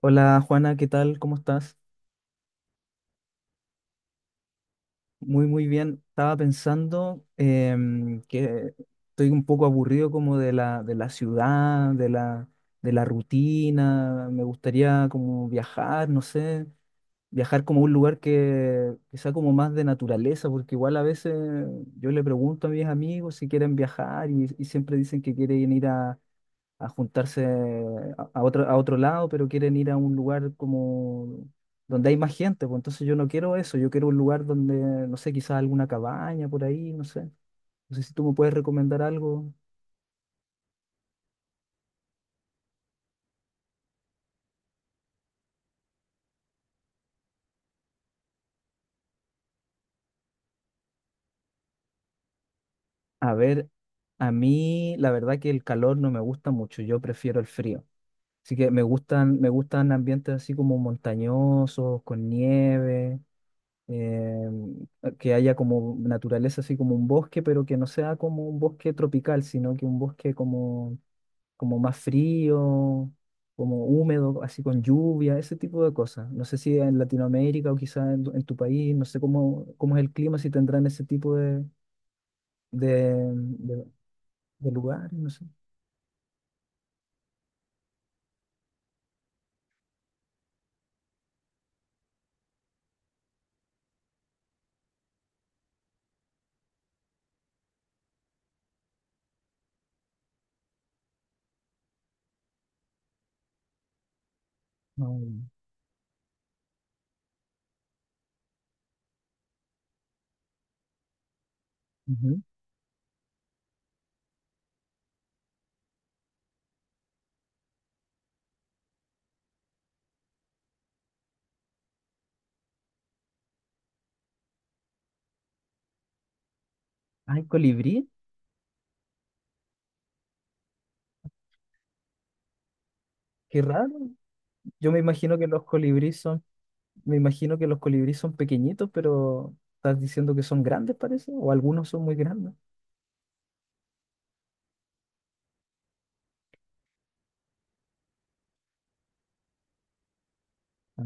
Hola Juana, ¿qué tal? ¿Cómo estás? Muy, muy bien. Estaba pensando que estoy un poco aburrido como de la ciudad, de la rutina. Me gustaría como viajar, no sé, viajar como a un lugar que sea como más de naturaleza, porque igual a veces yo le pregunto a mis amigos si quieren viajar y siempre dicen que quieren ir a juntarse a otro lado, pero quieren ir a un lugar como donde hay más gente, pues entonces yo no quiero eso, yo quiero un lugar donde, no sé, quizás alguna cabaña por ahí, no sé. No sé si tú me puedes recomendar algo. A ver, a mí la verdad que el calor no me gusta mucho, yo prefiero el frío. Así que me gustan ambientes así como montañosos, con nieve, em, que haya como naturaleza, así como un bosque, pero que no sea como un bosque tropical, sino que un bosque como más frío, como húmedo, así con lluvia, ese tipo de cosas. No sé si en Latinoamérica o quizás en tu país, no sé cómo es el clima, si tendrán ese tipo de, de- de lugares, no sé. No. Ujú. Ay, colibrí, qué raro. Yo me imagino que los colibríes son, Me imagino que los colibríes son pequeñitos, pero estás diciendo que son grandes, parece, o algunos son muy grandes. Ah,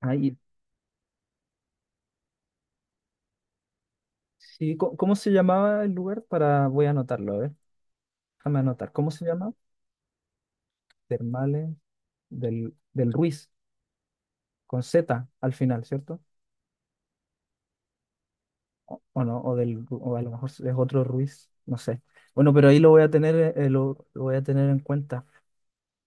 ay, sí, ¿cómo se llamaba el lugar? Para, voy a anotarlo, a ver, déjame anotar. ¿Cómo se llamaba? Termales del Ruiz, con Z al final, ¿cierto? O no, o a lo mejor es otro Ruiz, no sé. Bueno, pero ahí lo voy a tener, lo voy a tener en cuenta.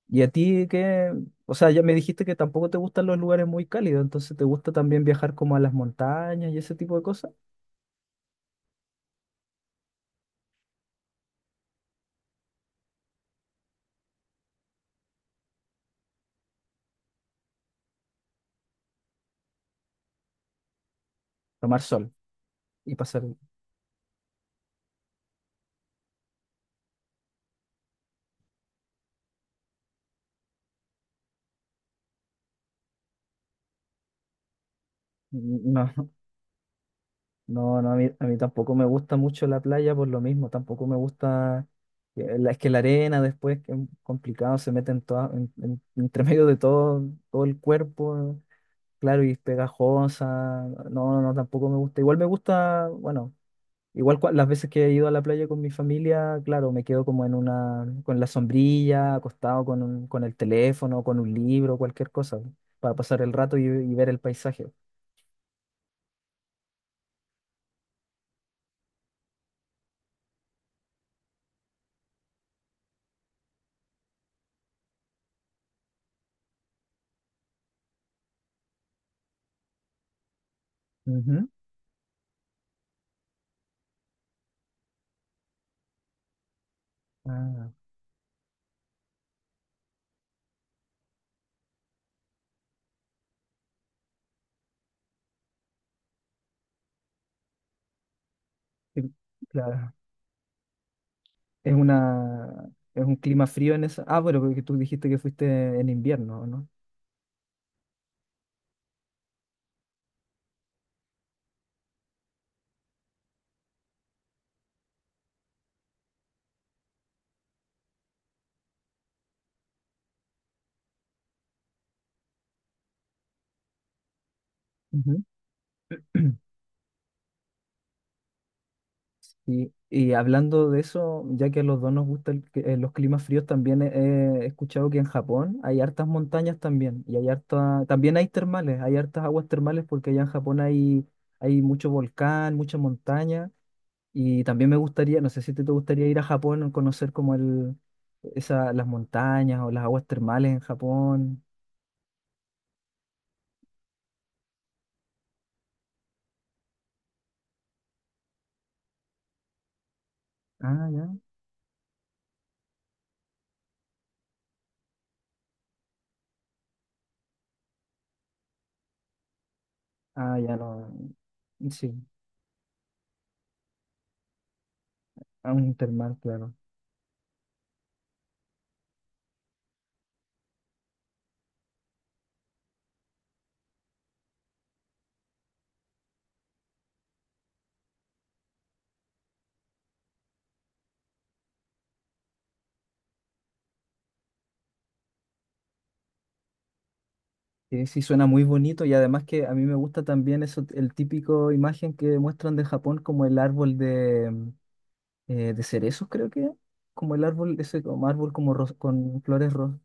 ¿Y a ti qué? O sea, ya me dijiste que tampoco te gustan los lugares muy cálidos, entonces ¿te gusta también viajar como a las montañas y ese tipo de cosas? Tomar sol y pasar. Mm, no. No, no, a mí, tampoco me gusta mucho la playa por lo mismo, tampoco me gusta, es que la arena después que es complicado, se mete en entre medio de todo el cuerpo, claro, y es pegajosa, no, no, no, tampoco me gusta, igual me gusta, bueno, igual las veces que he ido a la playa con mi familia, claro, me quedo como con la sombrilla, acostado con el teléfono, con un libro, cualquier cosa, para pasar el rato y ver el paisaje. Ujú. Ah, sí, claro. Es un clima frío en eso. Ah, bueno, porque tú dijiste que fuiste en invierno, ¿no? Ujú. Y hablando de eso, ya que a los dos nos gustan los climas fríos, también he escuchado que en Japón hay hartas montañas también, y también hay termales, hay hartas aguas termales porque allá en Japón hay mucho volcán, mucha montaña, y también me gustaría, no sé si te gustaría ir a Japón a conocer como las montañas o las aguas termales en Japón. Ah, ya. Ah, ya no. Sí, a un termal, claro. Sí, sí, suena muy bonito y además que a mí me gusta también eso, el típico imagen que muestran de Japón como el árbol de cerezos, creo que, como el árbol, ese como árbol como con flores rosas.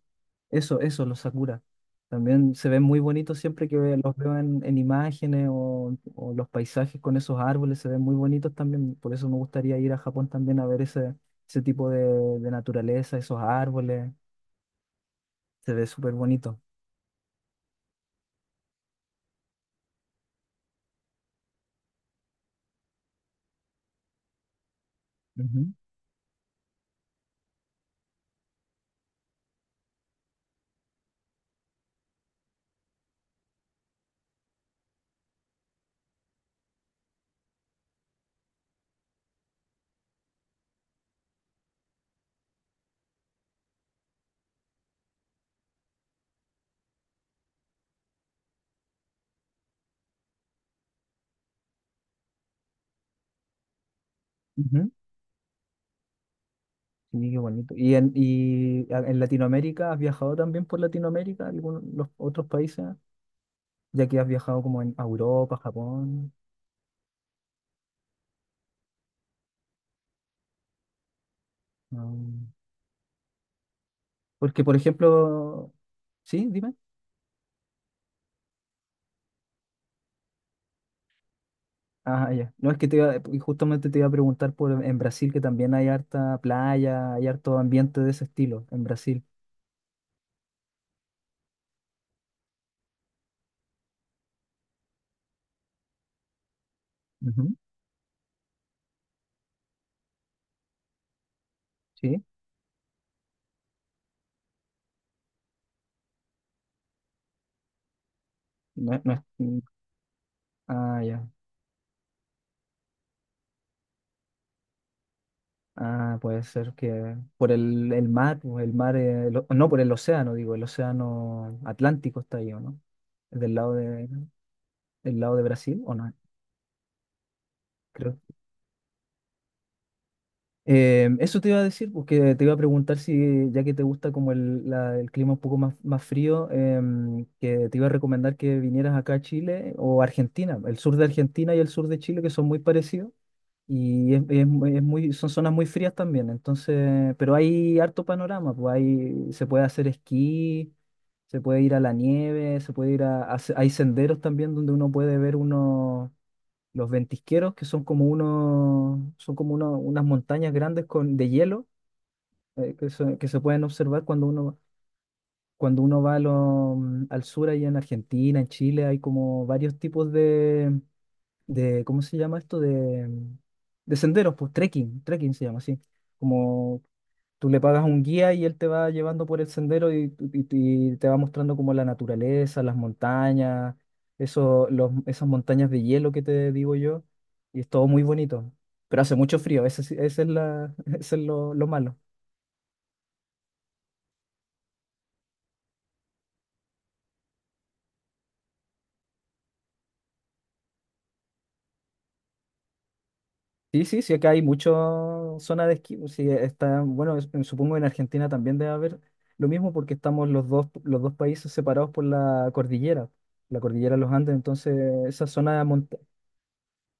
Eso, los sakura. También se ven muy bonitos siempre que los veo en imágenes o los paisajes con esos árboles se ven muy bonitos también. Por eso me gustaría ir a Japón también a ver ese, ese tipo de naturaleza, esos árboles. Se ve súper bonito. Ujú, ujú. Sí, qué bonito. ¿Y en Latinoamérica has viajado también por Latinoamérica, algunos los otros países, ya que has viajado como en a Europa, Japón? Mm. Porque, por ejemplo, sí, dime. Ah, ya. No, es que y justamente te iba a preguntar por en Brasil, que también hay harta playa, hay harto ambiente de ese estilo en Brasil. Ujú. Sí, no, ah, ya. Ah, puede ser que por el mar, o el mar, el no, por el océano, digo, el océano Atlántico está ahí, ¿o no? del lado de, del lado de Brasil o no? Creo, eso te iba a decir, porque te iba a preguntar si, ya que te gusta como el clima un poco más frío, que te iba a recomendar que vinieras acá a Chile o Argentina, el sur de Argentina y el sur de Chile, que son muy parecidos, y es mu- es muy, son zonas muy frías también, entonces, pero hay harto panorama, pues se puede hacer esquí, se puede ir a la nieve, se puede ir a se- hay senderos también donde uno puede ver unos los ventisqueros, que son como unos, son como uno- unas montañas grandes de hielo que se pueden observar cuando uno, va al sur, allá en Argentina, en Chile, hay como varios tipos de ¿cómo se llama esto? De senderos, pues trekking se llama así, como. Tú le pagas un guía y él te va llevando por el sendero y te va mostrando como la naturaleza, las montañas, eso, esas montañas de hielo que te digo yo. Y es todo muy bonito. Pero hace mucho frío, ese, sí- ese es, la, ese es lo malo. Sí, sí, sí, acá hay mucha zona de esquí. Sí, bueno, supongo en Argentina también debe haber lo mismo porque estamos los dos países separados por la cordillera de los Andes. Entonces, esa zona montañosa.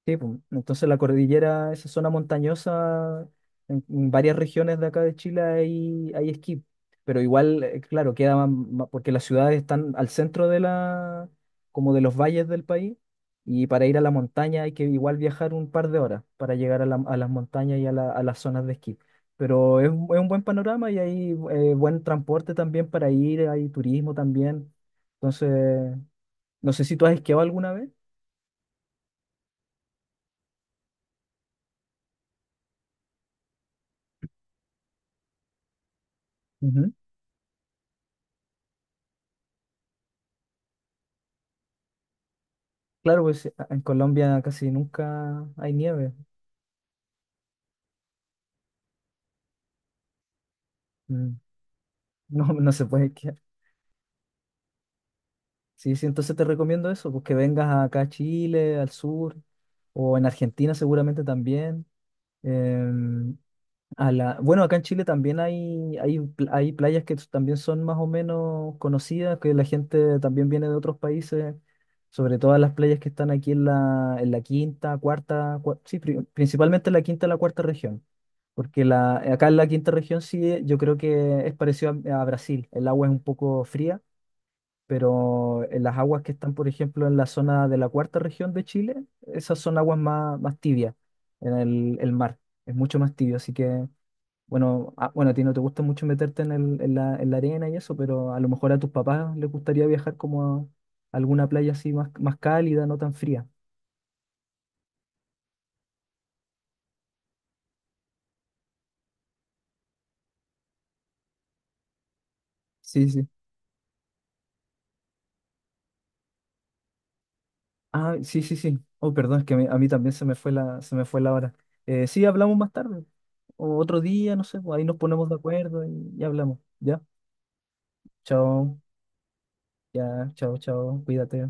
Sí, pues, entonces la cordillera, esa zona montañosa, en varias regiones de acá de Chile hay, esquí, pero igual, claro, queda porque las ciudades están al centro como de los valles del país, y para ir a la montaña hay que igual viajar un par de horas para llegar a las montañas y a las zonas de esquí. Pero es un buen panorama y hay buen transporte también para ir, hay turismo también. Entonces, no sé si tú has esquiado alguna vez. Claro, pues en Colombia casi nunca hay nieve. Mm, no, no se puede esquiar. Sí, sí, entonces te recomiendo eso, pues que vengas acá a Chile, al sur, o en Argentina seguramente también. Em, bueno, acá en Chile también hay playas que también son más o menos conocidas, que la gente también viene de otros países, sobre todo las playas que están aquí en la quinta, cuarta, sí, principalmente en la quinta y la cuarta región. Porque acá en la quinta región sí, yo creo que es parecido a Brasil. El agua es un poco fría, pero en las aguas que están, por ejemplo, en la zona de la cuarta región de Chile, esas son aguas más, más tibias en el mar. Es mucho más tibio, así que, bueno, ah, bueno, a ti no te gusta mucho meterte en la arena y eso, pero a lo mejor a tus papás les gustaría viajar como a alguna playa así más, más cálida, no tan fría. Sí, sí. Ah, sí, sí, sí. Oh, perdón, es que a mí también se me fue se me fue la hora. Sí, hablamos más tarde, o otro día, no sé, pues ahí nos ponemos de acuerdo y hablamos. Ya, chao, ya, chao, chao, cuídate.